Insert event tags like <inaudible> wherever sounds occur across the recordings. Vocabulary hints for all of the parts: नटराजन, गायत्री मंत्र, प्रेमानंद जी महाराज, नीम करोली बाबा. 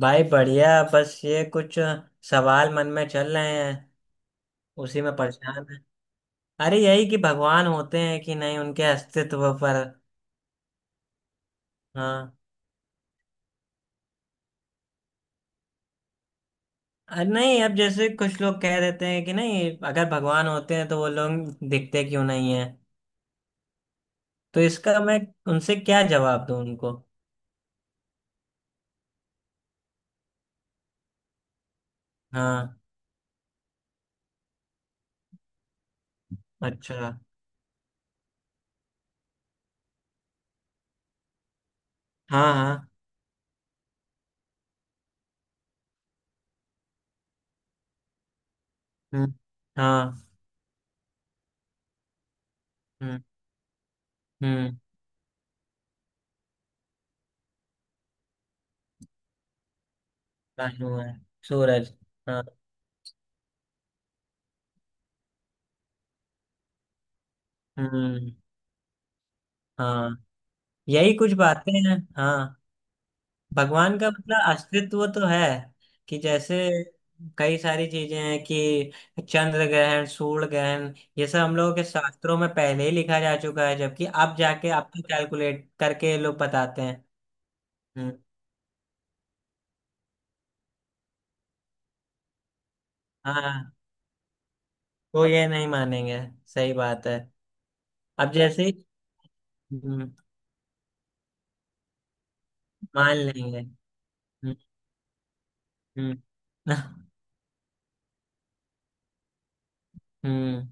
भाई बढ़िया। बस ये कुछ सवाल मन में चल रहे हैं, उसी में परेशान है। अरे यही कि भगवान होते हैं कि नहीं, उनके अस्तित्व पर। हाँ। अरे नहीं, अब जैसे कुछ लोग कह देते हैं कि नहीं, अगर भगवान होते हैं तो वो लोग दिखते क्यों नहीं है। तो इसका मैं उनसे क्या जवाब दूं उनको। हाँ। अच्छा। हाँ हाँ। हम्म। हाँ। हम्म। हम्म। भानु है, सूरज। हाँ। हम्म। हाँ, यही कुछ बातें हैं, हाँ। भगवान का मतलब अस्तित्व तो है। कि जैसे कई सारी चीजें हैं कि चंद्र ग्रहण सूर्य ग्रहण ये सब हम लोगों के शास्त्रों में पहले ही लिखा जा चुका है, जबकि अब जाके अब तो कैलकुलेट करके लोग बताते हैं। हम्म। हाँ, तो ये नहीं मानेंगे। सही बात है। अब जैसे ही, हम्म, मान लेंगे। हम्म। हम्म। <laughs> हम्म।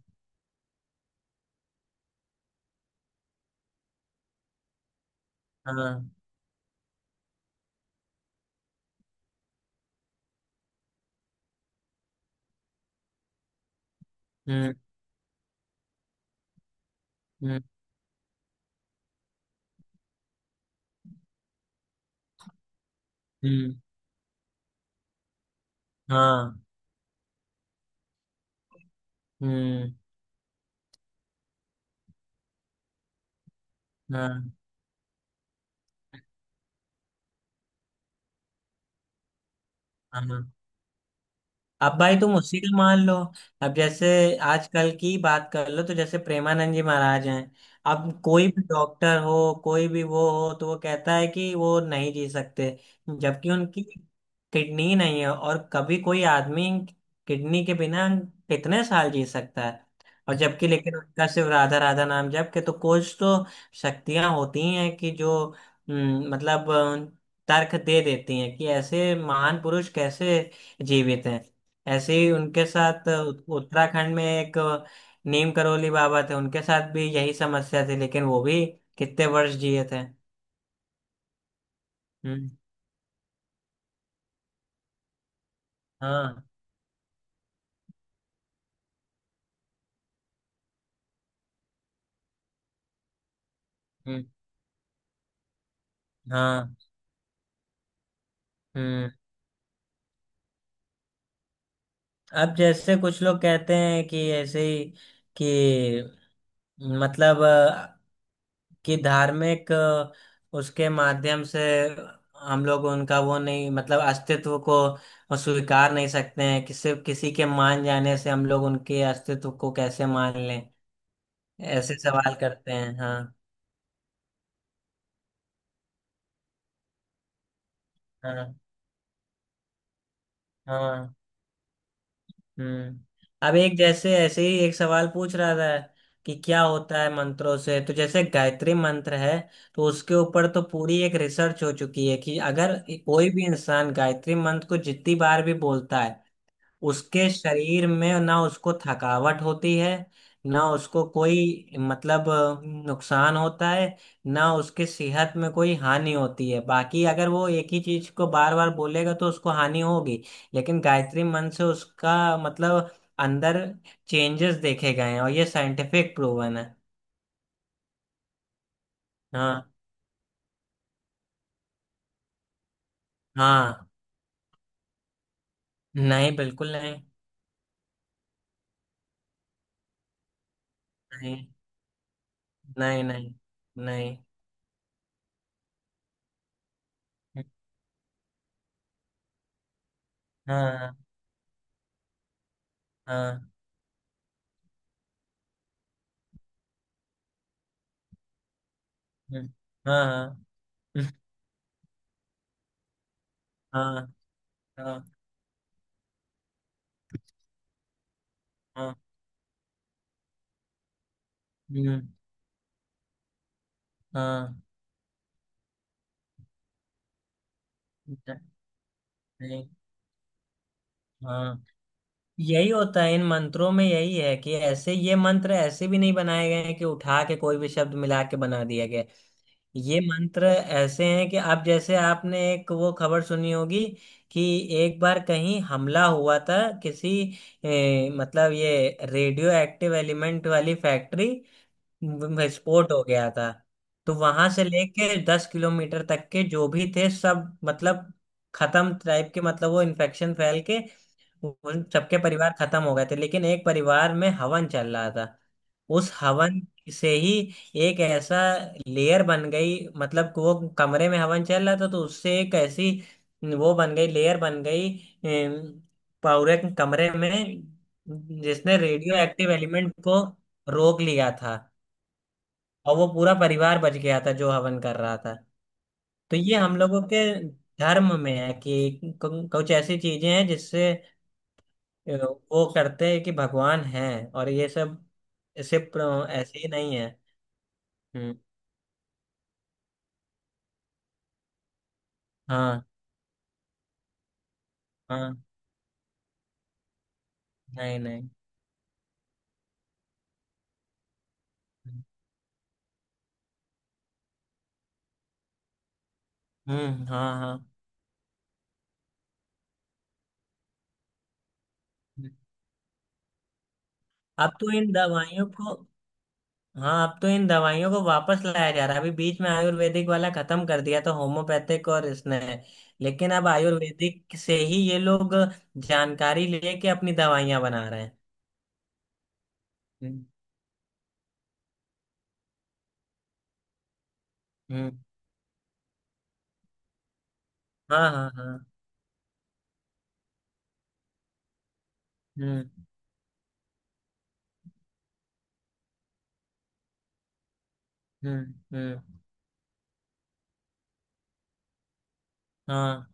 हाँ। हम्म। हम्म। हम्म। हाँ। हम्म। हाँ हाँ। अब भाई तुम उसी का मान लो। अब जैसे आजकल की बात कर लो तो जैसे प्रेमानंद जी महाराज हैं। अब कोई भी डॉक्टर हो, कोई भी वो हो तो वो कहता है कि वो नहीं जी सकते, जबकि उनकी किडनी नहीं है। और कभी कोई आदमी किडनी के बिना कितने साल जी सकता है। और जबकि लेकिन उनका सिर्फ राधा राधा नाम जप के तो कुछ तो शक्तियां होती हैं कि जो हम्म, मतलब अ, तर्क दे देती हैं कि ऐसे महान पुरुष कैसे जीवित हैं। ऐसे ही उनके साथ उत्तराखंड में एक नीम करोली बाबा थे, उनके साथ भी यही समस्या थी, लेकिन वो भी कितने वर्ष जिए थे। हम्म। हाँ। हम्म। हाँ। हम्म। अब जैसे कुछ लोग कहते हैं कि ऐसे ही कि मतलब अ, कि उसके माध्यम से हम लोग उनका वो नहीं मतलब अस्तित्व को स्वीकार नहीं सकते हैं, कि सिर्फ किसी के मान जाने से हम लोग उनके अस्तित्व को कैसे मान लें। ऐसे सवाल करते हैं, हाँ। हाँ। हाँ। हम्म। अब एक जैसे ऐसे ही एक सवाल पूछ रहा था कि क्या होता है मंत्रों से। तो जैसे गायत्री मंत्र है, तो उसके ऊपर तो पूरी एक रिसर्च हो चुकी है कि अगर कोई भी इंसान गायत्री मंत्र को जितनी बार भी बोलता है, उसके शरीर में ना उसको थकावट होती है, ना उसको कोई नुकसान होता है, ना उसके सेहत में कोई हानि होती है। बाकी अगर वो एक ही चीज को बार बार बोलेगा तो उसको हानि होगी, लेकिन गायत्री मंत्र से उसका मतलब अंदर चेंजेस देखे गए हैं, और ये साइंटिफिक प्रूवन है। हाँ। हाँ। नहीं, बिल्कुल नहीं। नहीं, नहीं। नहीं नहीं। हाँ। हाँ हाँ। हाँ। हाँ। हाँ। हाँ। हाँ। हम्म, हाँ। नहीं, हाँ। यही होता है इन मंत्रों में, यही है कि ऐसे ये मंत्र ऐसे भी नहीं बनाए गए हैं कि उठा के कोई भी शब्द मिला के बना दिया गया है। ये मंत्र ऐसे हैं कि अब जैसे आपने एक वो खबर सुनी होगी कि एक बार कहीं हमला हुआ था किसी ए, मतलब ये रेडियो एक्टिव एलिमेंट वाली फैक्ट्री विस्फोट हो गया था। तो वहां से लेके 10 किलोमीटर तक के जो भी थे सब मतलब खत्म टाइप के, मतलब वो इन्फेक्शन फैल के उन सबके परिवार खत्म हो गए थे। लेकिन एक परिवार में हवन चल रहा था, उस हवन से ही एक ऐसा लेयर बन गई, मतलब कि वो कमरे में हवन चल रहा था तो उससे एक ऐसी वो बन गई, लेयर बन गई, अम, पूरे कमरे में, जिसने रेडियो एक्टिव एलिमेंट को रोक लिया था, और वो पूरा परिवार बच गया था जो हवन कर रहा था। तो ये हम लोगों के धर्म में है कि कुछ ऐसी चीजें हैं जिससे अ, वो करते हैं कि भगवान है, और ये सब सिर्फ ऐसे ही नहीं है। हम्म। हाँ। हाँ। नहीं, नहीं। हम्म। हाँ। हाँ। अब तो इन दवाइयों को, हाँ अब तो इन दवाइयों को वापस लाया जा रहा है। अभी बीच में आयुर्वेदिक वाला खत्म कर दिया था, होम्योपैथिक और इसने, लेकिन अब आयुर्वेदिक से ही ये लोग जानकारी लेके अपनी दवाइयां बना रहे हैं। हम्म। हम्म। हाँ हाँ हाँ। हम्म। हम्म। हम्म। हाँ।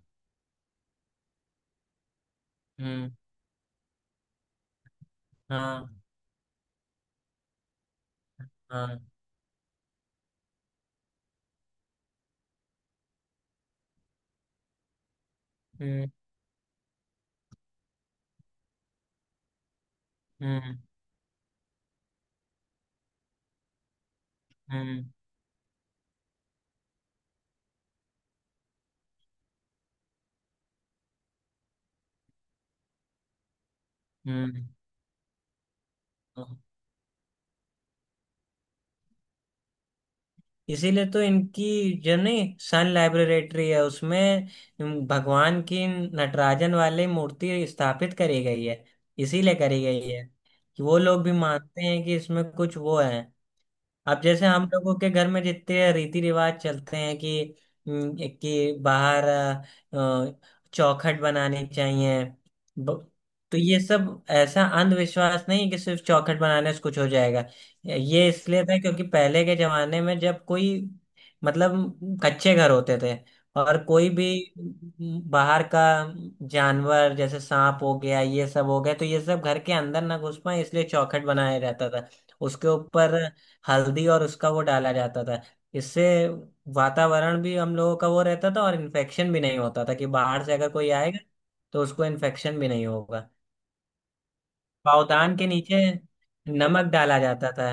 हम्म। हाँ। हाँ। हम्म। हम्म। हम्म। हम्म। इसीलिए तो इनकी जो नहीं सन लाइब्रेटरी है उसमें भगवान की नटराजन वाली मूर्ति स्थापित करी गई है, इसीलिए करी गई है कि वो लोग भी मानते हैं कि इसमें कुछ वो है। अब जैसे हम लोगों के घर में जितने रीति रिवाज चलते हैं कि बाहर चौखट बनानी चाहिए, ब- तो ये सब ऐसा अंधविश्वास नहीं है कि सिर्फ चौखट बनाने से कुछ हो जाएगा। ये इसलिए था क्योंकि पहले के जमाने में जब कोई मतलब कच्चे घर होते थे, और कोई भी बाहर का जानवर जैसे सांप हो गया ये सब हो गया, तो ये सब घर के अंदर ना घुस पाए इसलिए चौखट बनाया जाता था। उसके ऊपर हल्दी और उसका वो डाला जाता था, इससे वातावरण भी हम लोगों का वो रहता था और इन्फेक्शन भी नहीं होता था कि बाहर से अगर कोई आएगा तो उसको इन्फेक्शन भी नहीं होगा। पावदान के नीचे नमक डाला जाता था,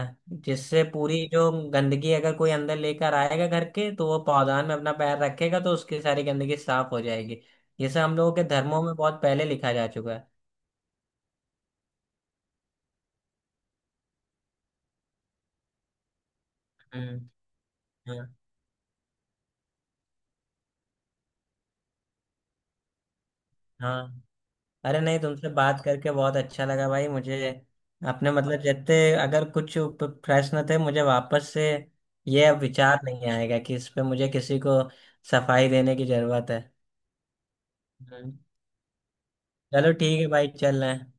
जिससे पूरी जो गंदगी अगर कोई अंदर लेकर आएगा घर के, तो वो पावदान में अपना पैर रखेगा तो उसकी सारी गंदगी साफ हो जाएगी। ये सब हम लोगों के धर्मों में बहुत पहले लिखा जा चुका है। हम्म। हाँ। हाँ। अरे नहीं, तुमसे बात करके बहुत अच्छा लगा भाई मुझे। अपने मतलब जितने अगर कुछ प्रश्न थे, मुझे वापस से ये अब विचार नहीं आएगा कि इस पे मुझे किसी को सफाई देने की जरूरत है। हम्म। चलो ठीक है भाई, चल रहे हैं।